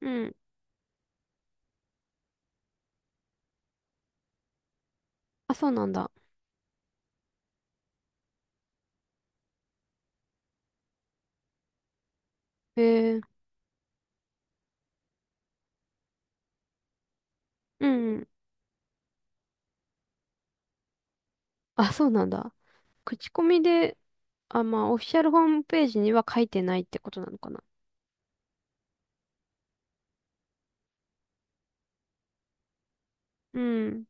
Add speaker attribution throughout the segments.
Speaker 1: うん。あ、そうなんだ。へえ。うんうん。あ、そうなんだ。口コミで、あ、まあ、オフィシャルホームページには書いてないってことなのかな。うん。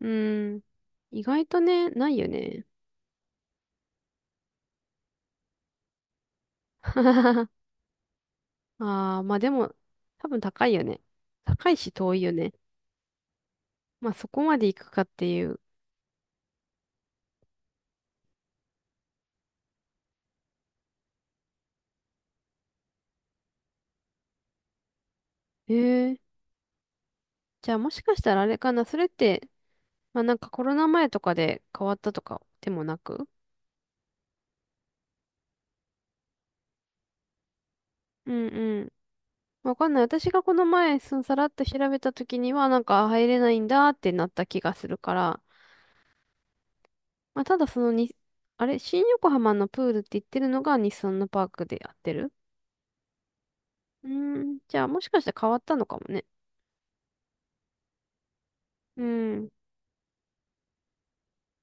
Speaker 1: うん。意外とね、ないよね。ああ、まあでも、多分高いよね。高いし遠いよね。まあそこまで行くかっていう。へえ。じゃあもしかしたらあれかな。それって、まあなんかコロナ前とかで変わったとかでもなく。うん、わかんない。私がこの前、さらっと調べた時には、なんか入れないんだってなった気がするから、まあ、ただそのに、あれ、新横浜のプールって言ってるのが日産のパークでやってる。うーん、じゃあもしかして変わったのかもね。うん、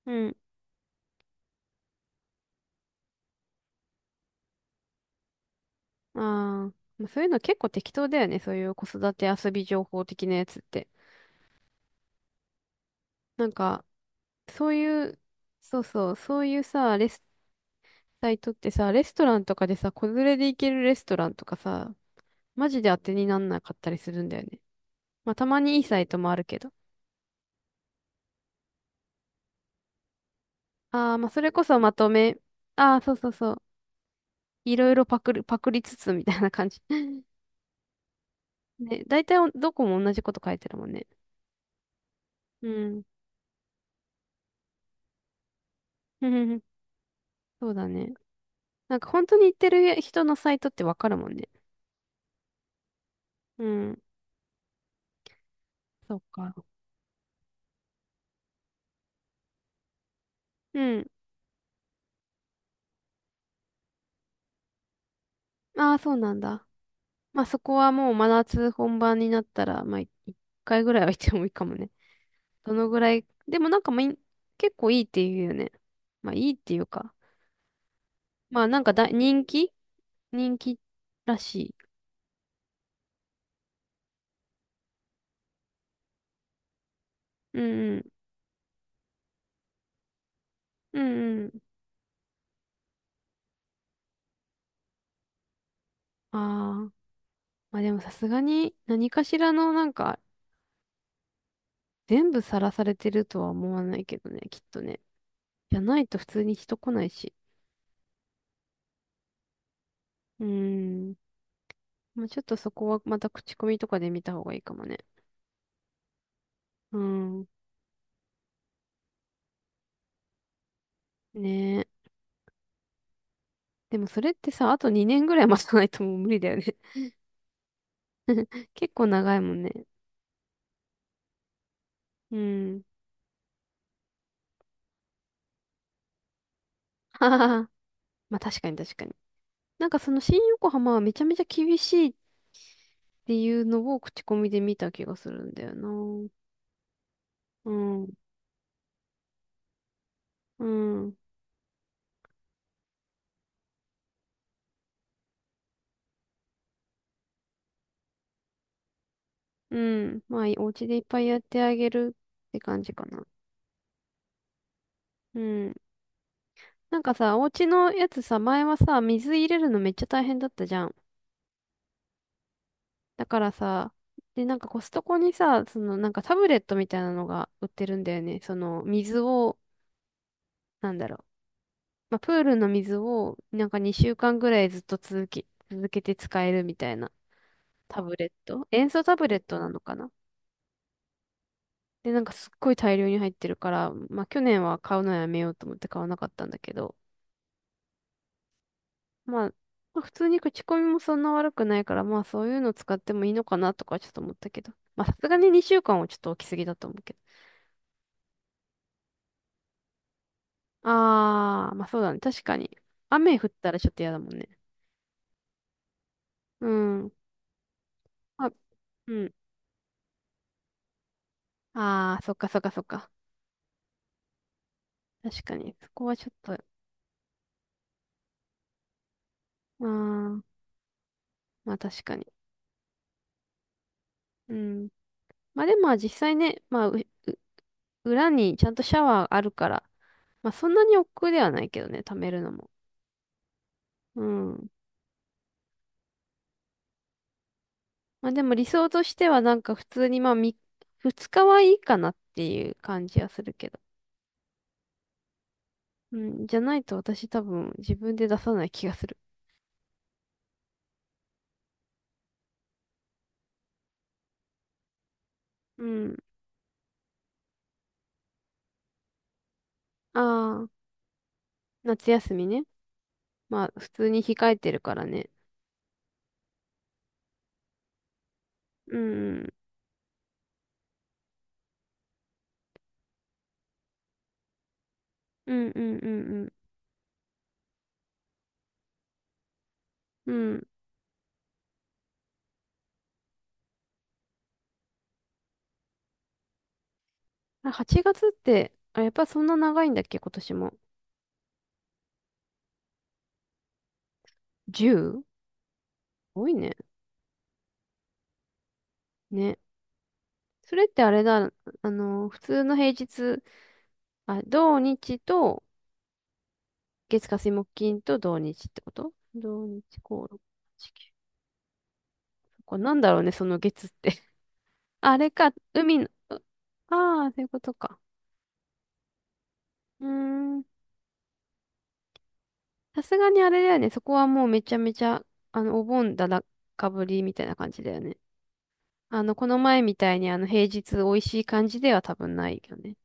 Speaker 1: うん、ああ、まあそういうの結構適当だよね。そういう子育て遊び情報的なやつって。なんか、そういう、そうそう、そういうさ、レス、サイトってさ、レストランとかでさ、子連れで行けるレストランとかさ、マジで当てになんなかったりするんだよね。まあ、たまにいいサイトもあるけど。ああ、まあ、それこそまとめ。ああ、そうそうそう。いろいろパクる、パクりつつみたいな感じ。ね、大体おどこも同じこと書いてるもんね。うん。ふふふ、そうだね。なんか本当に言ってる人のサイトってわかるもんね。うん。そうか。うん。ああ、そうなんだ。まあそこはもう真夏本番になったら、まあい一回ぐらいは行ってもいいかもね。どのぐらい。でもなんかまあい結構いいって言うよね。まあいいっていうか。まあなんかだ人気人気らしい。うんうん。うんうん。ああ。まあでもさすがに何かしらのなんか、全部さらされてるとは思わないけどね、きっとね。じゃないと普通に人来ないし。うーん。まあちょっとそこはまた口コミとかで見た方がいいかもね。うん。ねえ。でもそれってさ、あと2年ぐらい待たないともう無理だよね。結構長いもんね。うん。ははは。まあ確かに確かに。なんかその新横浜はめちゃめちゃ厳しいっていうのを口コミで見た気がするんだよな。うん、うん、うん。まあ、お家でいっぱいやってあげるって感じかな。うん。なんかさ、お家のやつさ、前はさ、水入れるのめっちゃ大変だったじゃん。だからさ、で、なんかコストコにさ、そのなんかタブレットみたいなのが売ってるんだよね。その水を、なんだろう。まあ、プールの水をなんか2週間ぐらいずっと続けて使えるみたいなタブレット。塩素タブレットなのかな。で、なんかすっごい大量に入ってるから、まあ去年は買うのやめようと思って買わなかったんだけど、まあ、まあ普通に口コミもそんな悪くないから、まあそういうの使ってもいいのかなとかちょっと思ったけど、まあさすがに2週間はちょっと置きすぎだと思うけど。あー、まあそうだね。確かに。雨降ったらちょっと嫌だもんね。うん。まあ、うん。あー、そっかそっかそっか。確かに。そこはちょっと、あー、まあ確かに。うん。まあでもまあ実際ね、まあう裏にちゃんとシャワーあるから、まあそんなに億劫ではないけどね、貯めるのも。うん。まあでも理想としてはなんか普通にまあみ2日はいいかなっていう感じはするけど。うん。じゃないと私多分自分で出さない気がする。うん。ああ、夏休みね。まあ普通に控えてるからね。うん。うんうんうん、うん。うん。あ、8月って、あ、やっぱそんな長いんだっけ、今年も。10? 多いね。ね。それってあれだ、あの、普通の平日、あ、土日と月火水木金と土日ってこと、土日5、6、8、9。これなんだろうね、その月って。あれか、海の、ああー、そういうことか。うーん。さすがにあれだよね、そこはもうめちゃめちゃ、あの、お盆かぶりみたいな感じだよね。あの、この前みたいにあの、平日美味しい感じでは多分ないよね。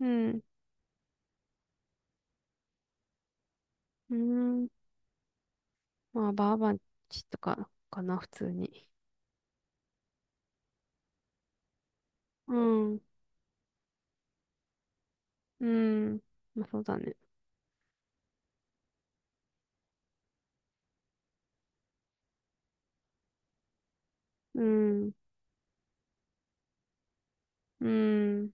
Speaker 1: うん。うーん。まあ、バーバンチとかかな、普通に。うん。うん。まあ、そうだね。うん。うん。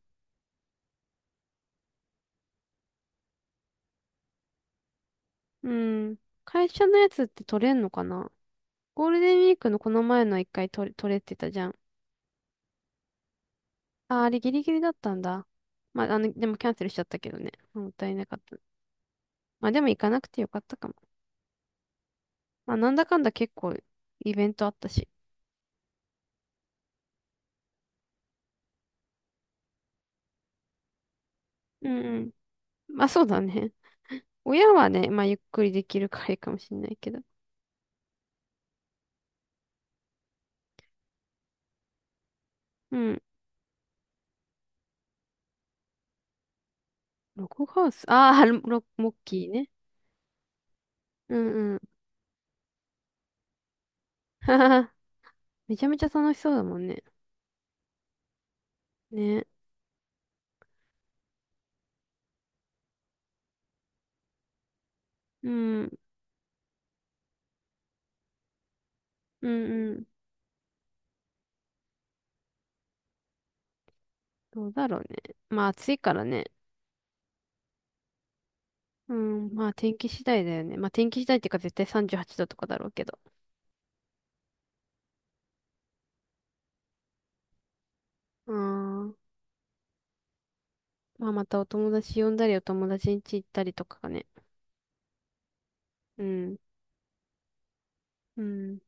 Speaker 1: うん。会社のやつって取れんのかな、ゴールデンウィークのこの前の一回取れ、取れてたじゃん。あ、あれギリギリだったんだ。まあ、あの、でもキャンセルしちゃったけどね。もったいなかった。まあ、でも行かなくてよかったかも。まあ、なんだかんだ結構イベントあったし。うんうん。まあ、そうだね。親はね、まあ、ゆっくりできるからいいかもしんないけど。うん。ログハウス。ああ、ロモッキーね。うんうん。は、はは、めちゃめちゃ楽しそうだもんね。ね。うん。うんうん。どうだろうね。まあ暑いからね。うん。まあ天気次第だよね。まあ天気次第っていうか絶対38度とかだろうけど。あん。まあまたお友達呼んだりお友達ん家行ったりとかがね。うん。うん。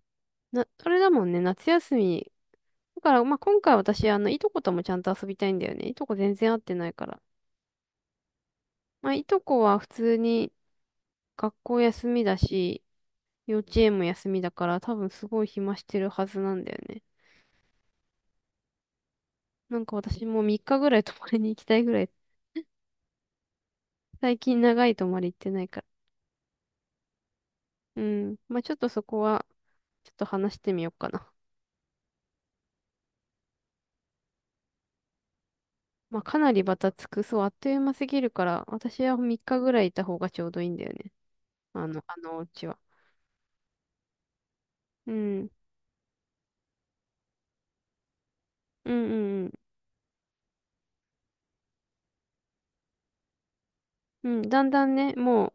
Speaker 1: な、それだもんね。夏休み。だから、まあ今回私、あの、いとこともちゃんと遊びたいんだよね。いとこ全然会ってないから。まあいとこは普通に学校休みだし、幼稚園も休みだから多分すごい暇してるはずなんだよね。なんか私もう3日ぐらい泊まりに行きたいぐらい、最近長い泊まり行ってないから。うん。まあちょっとそこは、ちょっと話してみようかな。まあかなりバタつく。そう、あっという間すぎるから、私は3日ぐらいいた方がちょうどいいんだよね。あのお家は。うん。うんうんうん。うん、だんだんね、も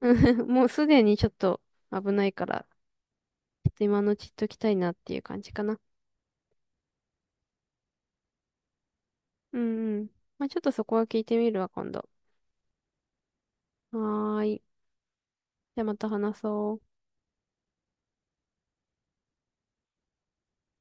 Speaker 1: う。 もうすでにちょっと危ないから、ちょっと今のうち行っときたいなっていう感じかな。うんうん。まあちょっとそこは聞いてみるわ、今度。はーい。じゃあまた話そう。